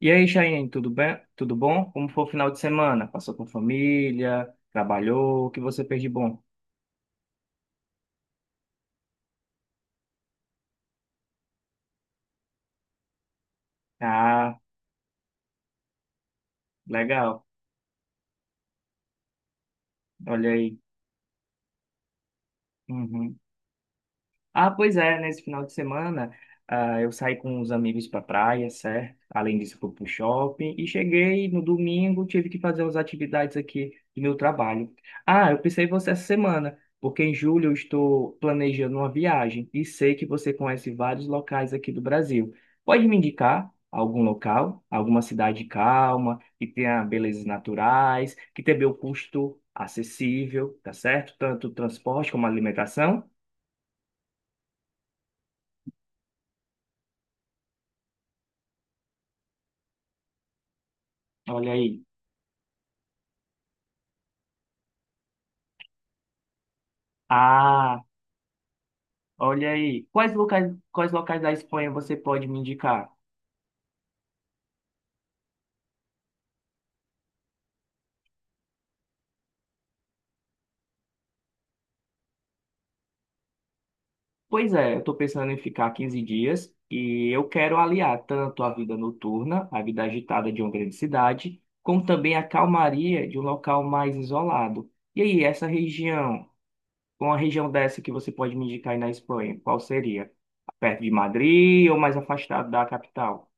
E aí, Chayenne, tudo bem? Tudo bom? Como foi o final de semana? Passou com família? Trabalhou? O que você fez de bom? Ah, legal. Olha aí. Uhum. Ah, pois é, nesse final de semana, eu saí com os amigos para praia, certo? Além disso, fui pro shopping e cheguei no domingo, tive que fazer umas atividades aqui do meu trabalho. Ah, eu pensei em você essa semana, porque em julho eu estou planejando uma viagem e sei que você conhece vários locais aqui do Brasil. Pode me indicar algum local, alguma cidade calma, que tenha belezas naturais, que tenha o custo acessível, tá certo? Tanto transporte como alimentação. Olha aí. Ah, olha aí. Quais locais da Espanha você pode me indicar? Pois é, eu estou pensando em ficar 15 dias e eu quero aliar tanto a vida noturna, a vida agitada de uma grande cidade, como também a calmaria de um local mais isolado. E aí, uma região dessa que você pode me indicar aí na Espanha, qual seria? Perto de Madrid ou mais afastado da capital?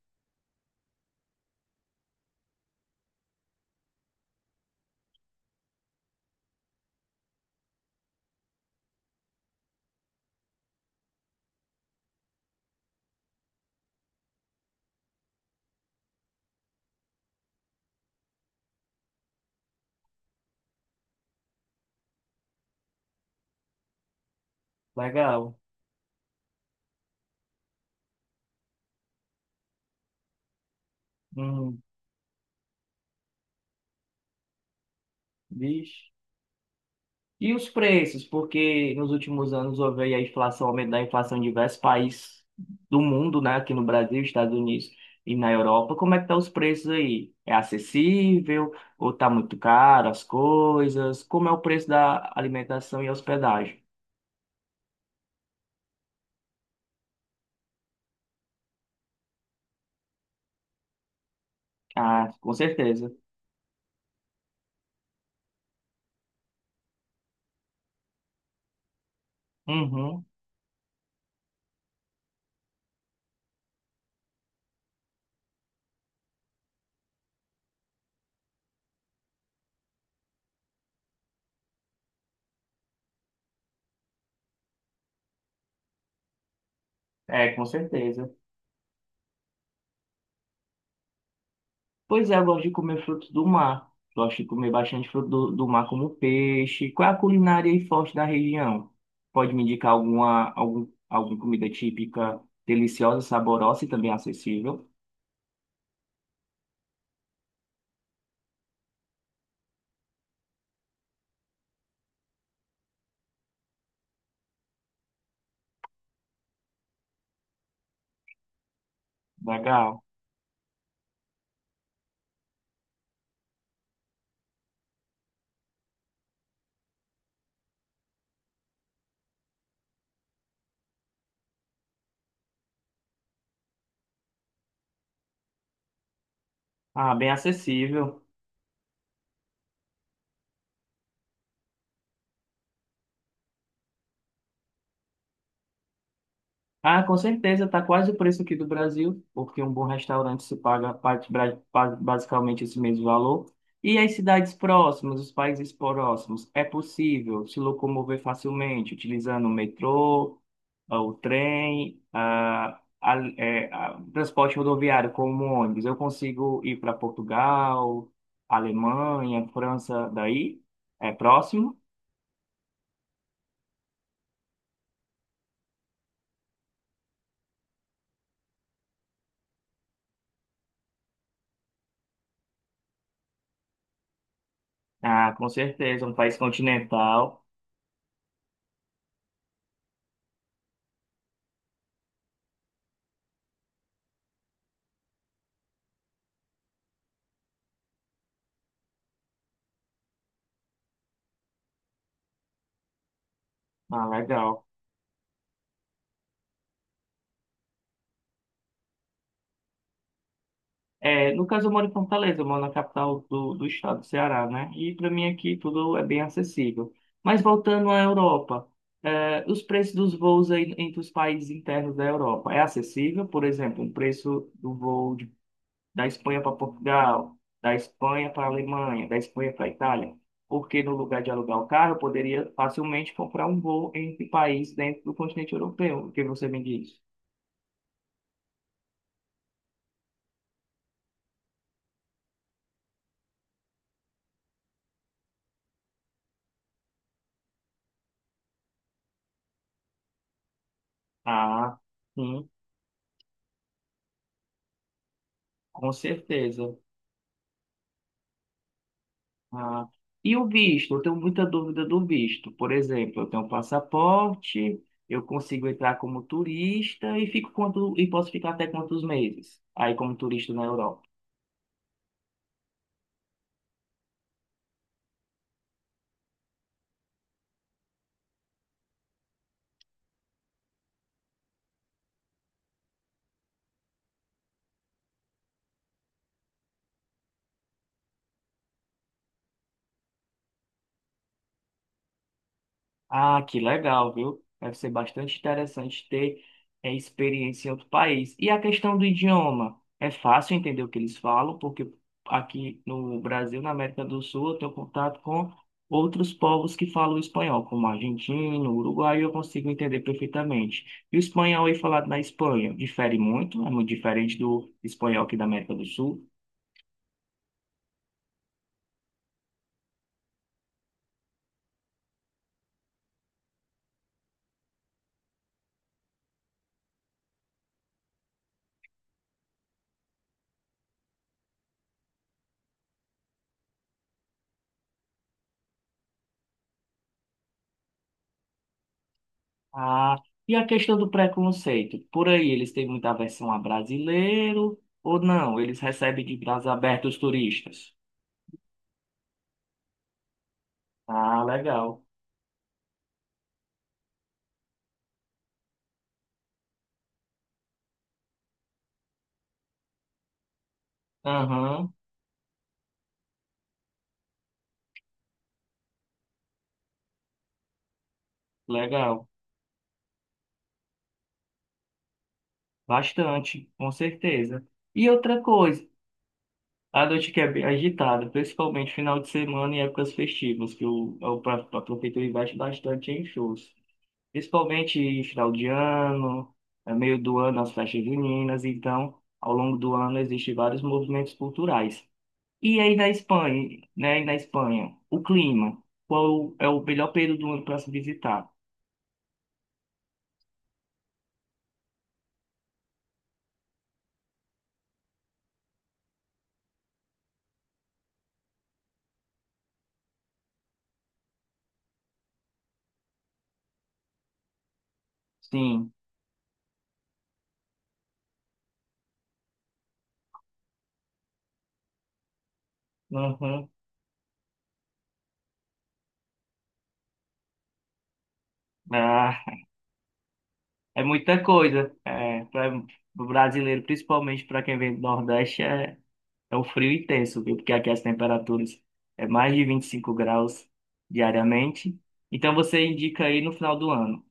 Legal. Hum, vixe. E os preços, porque nos últimos anos houve aí a inflação, aumento da inflação em diversos países do mundo, né? Aqui no Brasil, Estados Unidos e na Europa. Como é que estão os preços aí? É acessível ou tá muito caro as coisas? Como é o preço da alimentação e hospedagem? Ah, com certeza. Uhum. É, com certeza. Pois é, eu gosto de comer frutos do mar. Gosto de comer bastante fruto do mar, como peixe. Qual é a culinária aí forte da região? Pode me indicar alguma comida típica, deliciosa, saborosa e também acessível? Legal. Ah, bem acessível. Ah, com certeza, está quase o preço aqui do Brasil, porque um bom restaurante se paga parte basicamente esse mesmo valor. E as cidades próximas, os países próximos, é possível se locomover facilmente, utilizando o metrô, o trem, o transporte rodoviário como um ônibus. Eu consigo ir para Portugal, Alemanha, França, daí é próximo? Ah, com certeza, um país continental. Ah, legal. É, no caso, eu moro em Fortaleza, eu moro na capital do estado do Ceará, né? E para mim aqui tudo é bem acessível. Mas voltando à Europa, os preços dos voos aí entre os países internos da Europa é acessível? Por exemplo, o preço do voo da Espanha para Portugal, da Espanha para Alemanha, da Espanha para Itália? Porque no lugar de alugar o carro, eu poderia facilmente comprar um voo entre países dentro do continente europeu. O que você me diz? Ah, sim, com certeza. Ah, e o visto? Eu tenho muita dúvida do visto. Por exemplo, eu tenho um passaporte, eu consigo entrar como turista e fico quanto, e posso ficar até quantos meses aí como turista na Europa? Ah, que legal, viu? Deve ser bastante interessante ter experiência em outro país. E a questão do idioma? É fácil entender o que eles falam, porque aqui no Brasil, na América do Sul, eu tenho contato com outros povos que falam espanhol, como argentino, uruguaio, eu consigo entender perfeitamente. E o espanhol aí falado na Espanha difere muito, é muito diferente do espanhol aqui da América do Sul. Ah, e a questão do preconceito? Por aí eles têm muita aversão a brasileiro ou não? Eles recebem de braços abertos os turistas? Ah, legal. Aham, legal. Bastante, com certeza. E outra coisa, a noite que é bem agitada, principalmente final de semana e épocas festivas, que a prefeitura investe bastante em shows. Principalmente em final de ano, é meio do ano, as festas juninas, então, ao longo do ano, existem vários movimentos culturais. E aí da Espanha, né? E na Espanha, o clima. Qual é o melhor período do ano para se visitar? Sim. Uhum. Ah, é muita coisa. É, para o brasileiro, principalmente para quem vem do Nordeste, é, um frio intenso, viu? Porque aqui as temperaturas é mais de 25 graus diariamente. Então você indica aí no final do ano.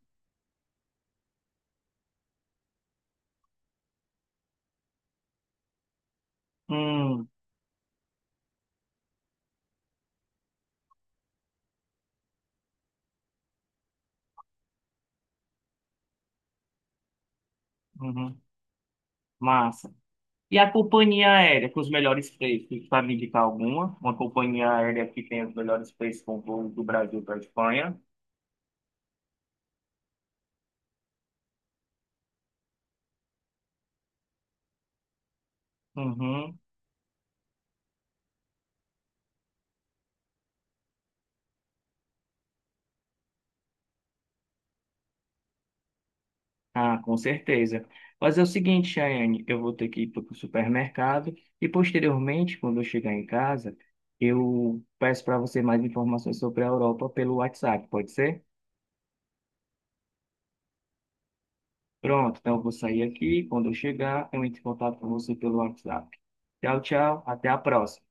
Hum, uhum. Massa. E a companhia aérea com os melhores preços, tu sabe indicar alguma? Uma companhia aérea que tem os melhores preços com voo do Brasil para a Espanha? Uhum. Ah, com certeza. Mas é o seguinte, Chayane, eu vou ter que ir para o supermercado e posteriormente, quando eu chegar em casa, eu peço para você mais informações sobre a Europa pelo WhatsApp, pode ser? Pronto, então eu vou sair aqui. Quando eu chegar, eu entro em contato com você pelo WhatsApp. Tchau, tchau. Até a próxima.